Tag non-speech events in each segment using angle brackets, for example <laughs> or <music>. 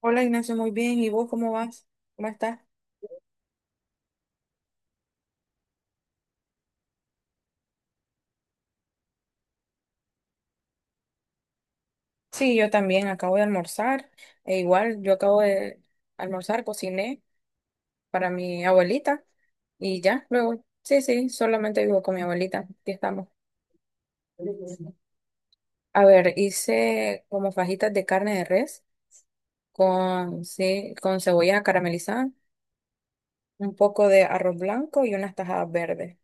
Hola Ignacio, muy bien. ¿Y vos cómo vas? ¿Cómo estás? Sí, yo también acabo de almorzar. E igual, yo acabo de almorzar, cociné para mi abuelita y ya, luego, sí, sí, solamente vivo con mi abuelita. Aquí estamos. A ver, hice como fajitas de carne de res con, sí, con cebolla caramelizada, un poco de arroz blanco y unas tajadas verdes.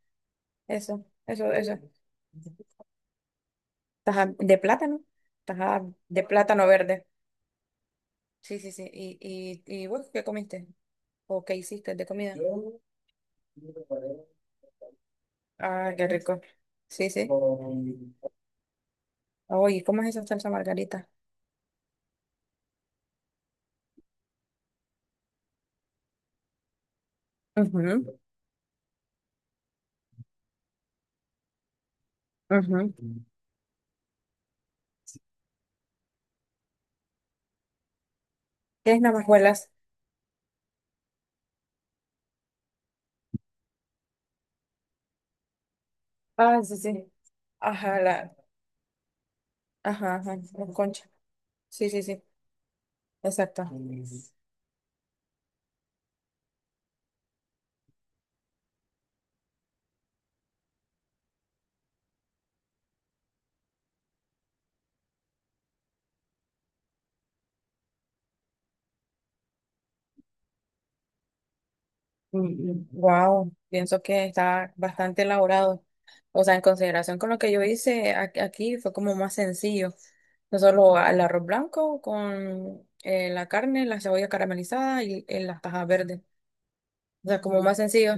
Eso, eso, eso. Tajadas de plátano, tajadas de plátano verde. Sí, sí, sí. ¿Y, y vos qué comiste? ¿O qué hiciste de comida? Ah, qué rico. Sí, sí. Oye, ¿cómo es esa salsa margarita? Ujú, ujú. ¿Tienes navajuelas? Ah, sí, sí. Ajá, la, ajá, ajá, la concha. Sí, sí, sí, exacto. Wow, pienso que está bastante elaborado. O sea, en consideración con lo que yo hice aquí, fue como más sencillo. No solo el arroz blanco con la carne, la cebolla caramelizada y, las tajas verdes. O sea, como más sencillo.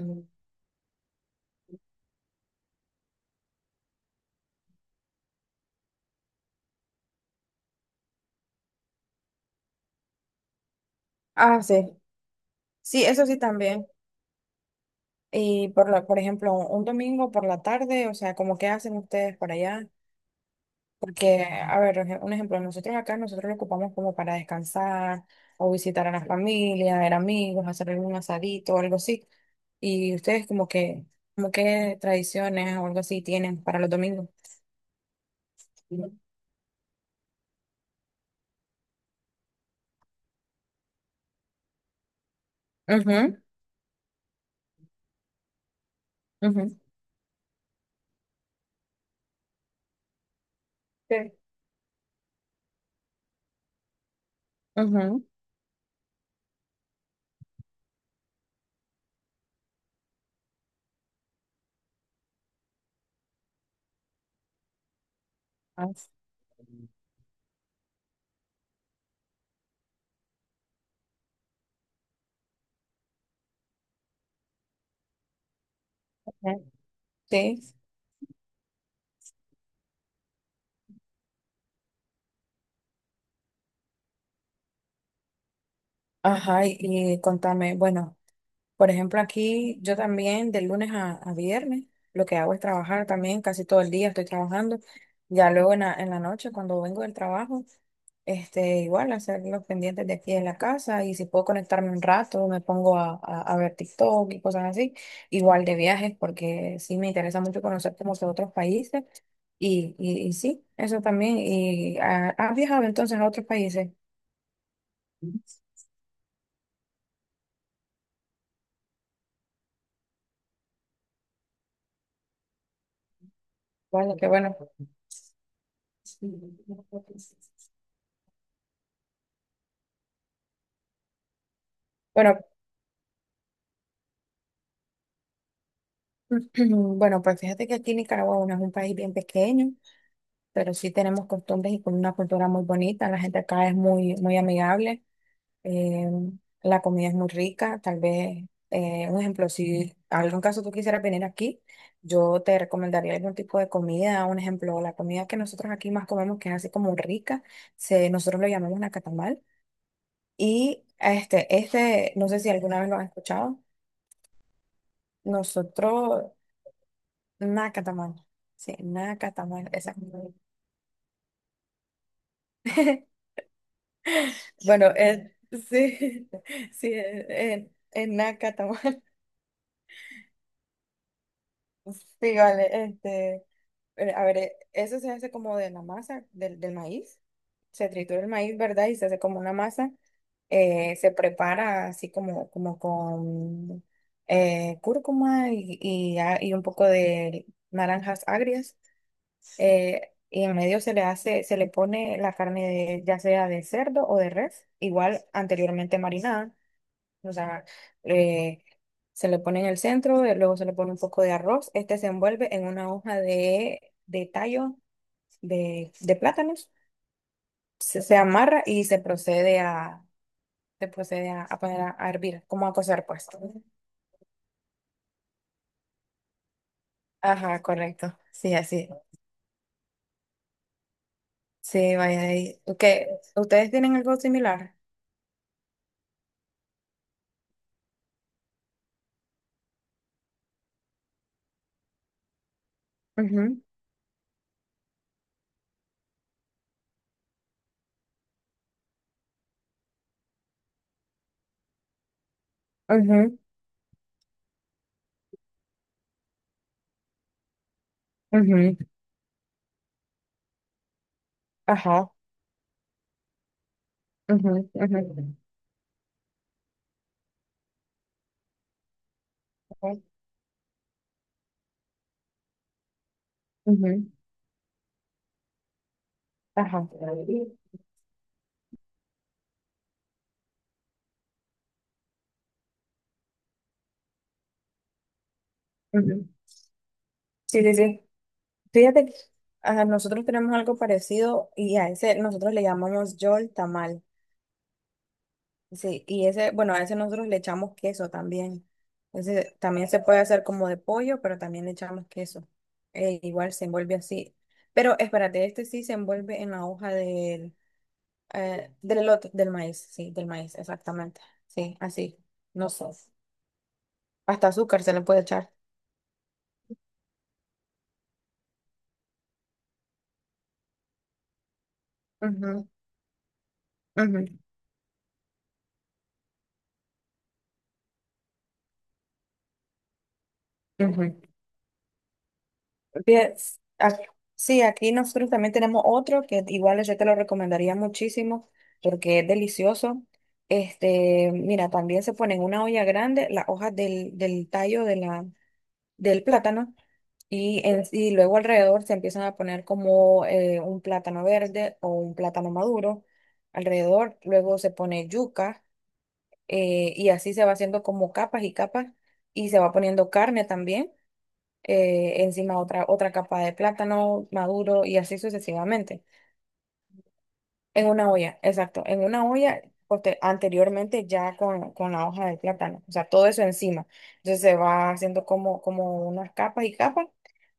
Ah, sí. Sí, eso sí también. Y por la, por ejemplo, un domingo por la tarde, o sea, ¿como qué hacen ustedes por allá? Porque, a ver, un un ejemplo, nosotros acá nosotros lo ocupamos como para descansar o visitar a la familia, ver amigos, hacer algún asadito o algo así. Y ustedes como que, como qué tradiciones o algo así tienen para los domingos. Mhm, mhm. Sí. Mhm. Ah, sí. Sí, ajá, y contame, bueno, por ejemplo, aquí yo también de lunes a viernes lo que hago es trabajar también, casi todo el día estoy trabajando. Ya luego en la noche cuando vengo del trabajo, este, igual hacer los pendientes de aquí en la casa y si puedo conectarme un rato me pongo a ver TikTok y cosas así. Igual de viajes porque sí me interesa mucho conocer como que otros países y, y sí, eso también. ¿Y has viajado entonces a otros países? Bueno, qué bueno. Bueno, <clears throat> bueno, pues fíjate que aquí Nicaragua, bueno, es un país bien pequeño, pero sí tenemos costumbres y con una cultura muy bonita. La gente acá es muy, muy amigable, eh, la comida es muy rica. Tal vez, un ejemplo, si algún caso tú quisieras venir aquí, yo te recomendaría algún tipo de comida. Un ejemplo, la comida que nosotros aquí más comemos, que es así como rica, se, nosotros lo llamamos nacatamal. Y este, no sé si alguna vez lo has escuchado. Nosotros nacatamal. Sí, nacatamal, exacto. <laughs> Bueno, sí, <laughs> sí, nacatamal. <laughs> Sí, vale, este, a ver, eso se hace como de la masa del, del maíz. Se tritura el maíz, ¿verdad? Y se hace como una masa. Se prepara así como, como con cúrcuma y, y un poco de naranjas agrias. Y en medio se le hace, se le pone la carne ya sea de cerdo o de res, igual anteriormente marinada, o sea, eh, se le pone en el centro, luego se le pone un poco de arroz, este se envuelve en una hoja de tallo de plátanos, se amarra y se procede a poner a hervir, como a cocer pues. Ajá, correcto, sí, así, sí, vaya de ahí. ¿Qué? ¿Ustedes tienen algo similar? Ujú, ujú, ujú. Ajá. Ujú, ujú, ujú, ujú. Ajá. Ujú. Sí, sí, sí. Fíjate que nosotros tenemos algo parecido y a ese nosotros le llamamos yol tamal. Sí, y ese, bueno, a ese nosotros le echamos queso también. Ese también se puede hacer como de pollo, pero también le echamos queso. Igual se envuelve así. Pero espérate, este sí se envuelve en la hoja del, del elote, del maíz, sí, del maíz, exactamente. Sí, así. No sé. Hasta azúcar se le puede echar. Ujú, ujú. Bien, ac- sí, aquí nosotros también tenemos otro que igual yo te lo recomendaría muchísimo porque es delicioso. Este, mira, también se pone en una olla grande las hojas del, del tallo de la, del plátano y, y luego alrededor se empiezan a poner como un plátano verde o un plátano maduro. Alrededor luego se pone yuca y así se va haciendo como capas y capas y se va poniendo carne también. Encima otra, otra capa de plátano maduro y así sucesivamente. En una olla, exacto, en una olla anteriormente ya con la hoja del plátano, o sea, todo eso encima. Entonces se va haciendo como, como unas capas y capas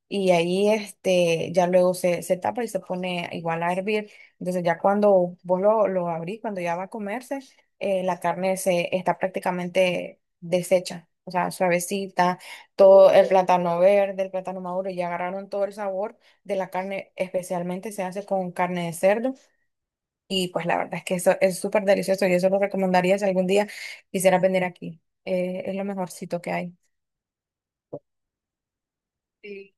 y ahí este, ya luego se, se tapa y se pone igual a hervir. Entonces ya cuando vos lo abrís, cuando ya va a comerse, la carne se está prácticamente deshecha. O sea, suavecita, todo el plátano verde, el plátano maduro, ya agarraron todo el sabor de la carne, especialmente se hace con carne de cerdo. Y pues la verdad es que eso es súper delicioso y eso lo recomendaría si algún día quisieras venir aquí. Es lo mejorcito que hay. Sí.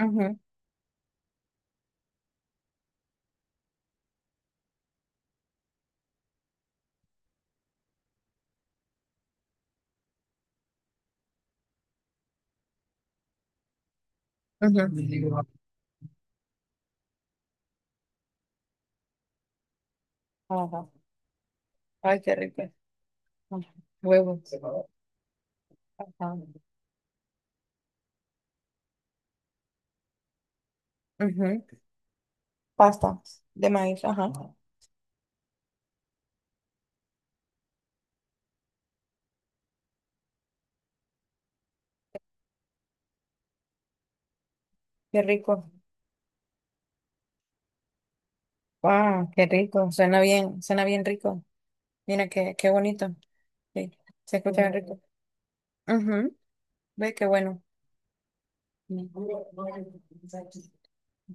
Ujú, ujú. Ajá. Ay, qué rico. Huevos. Ajá. Ujú. Pastas de maíz, ajá. Qué rico. Wow, qué rico. Suena bien rico. Mira qué, qué bonito. Sí, se escucha bien rico. Ujú. Ve qué bueno.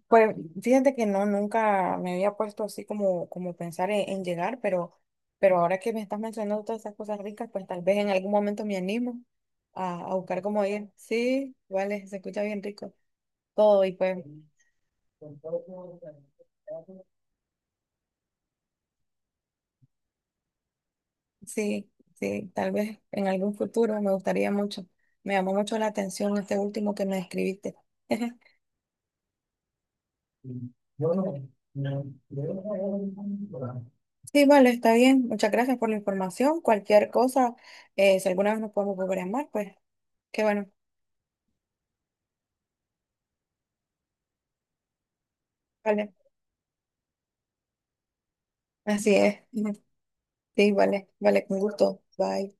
Pues fíjate que no, nunca me había puesto así como, como pensar en llegar, pero ahora que me estás mencionando todas esas cosas ricas, pues tal vez en algún momento me animo a buscar como ir. Sí, vale, se escucha bien rico. Todo y pues. Sí, sí, tal vez en algún futuro me gustaría mucho. Me llamó mucho la atención este último que me escribiste. <laughs> Sí, vale, está bien. Muchas gracias por la información. Cualquier cosa, si alguna vez nos podemos volver a llamar, pues qué bueno. Vale, así es. <laughs> Sí, vale, vale, con gusto. Bye.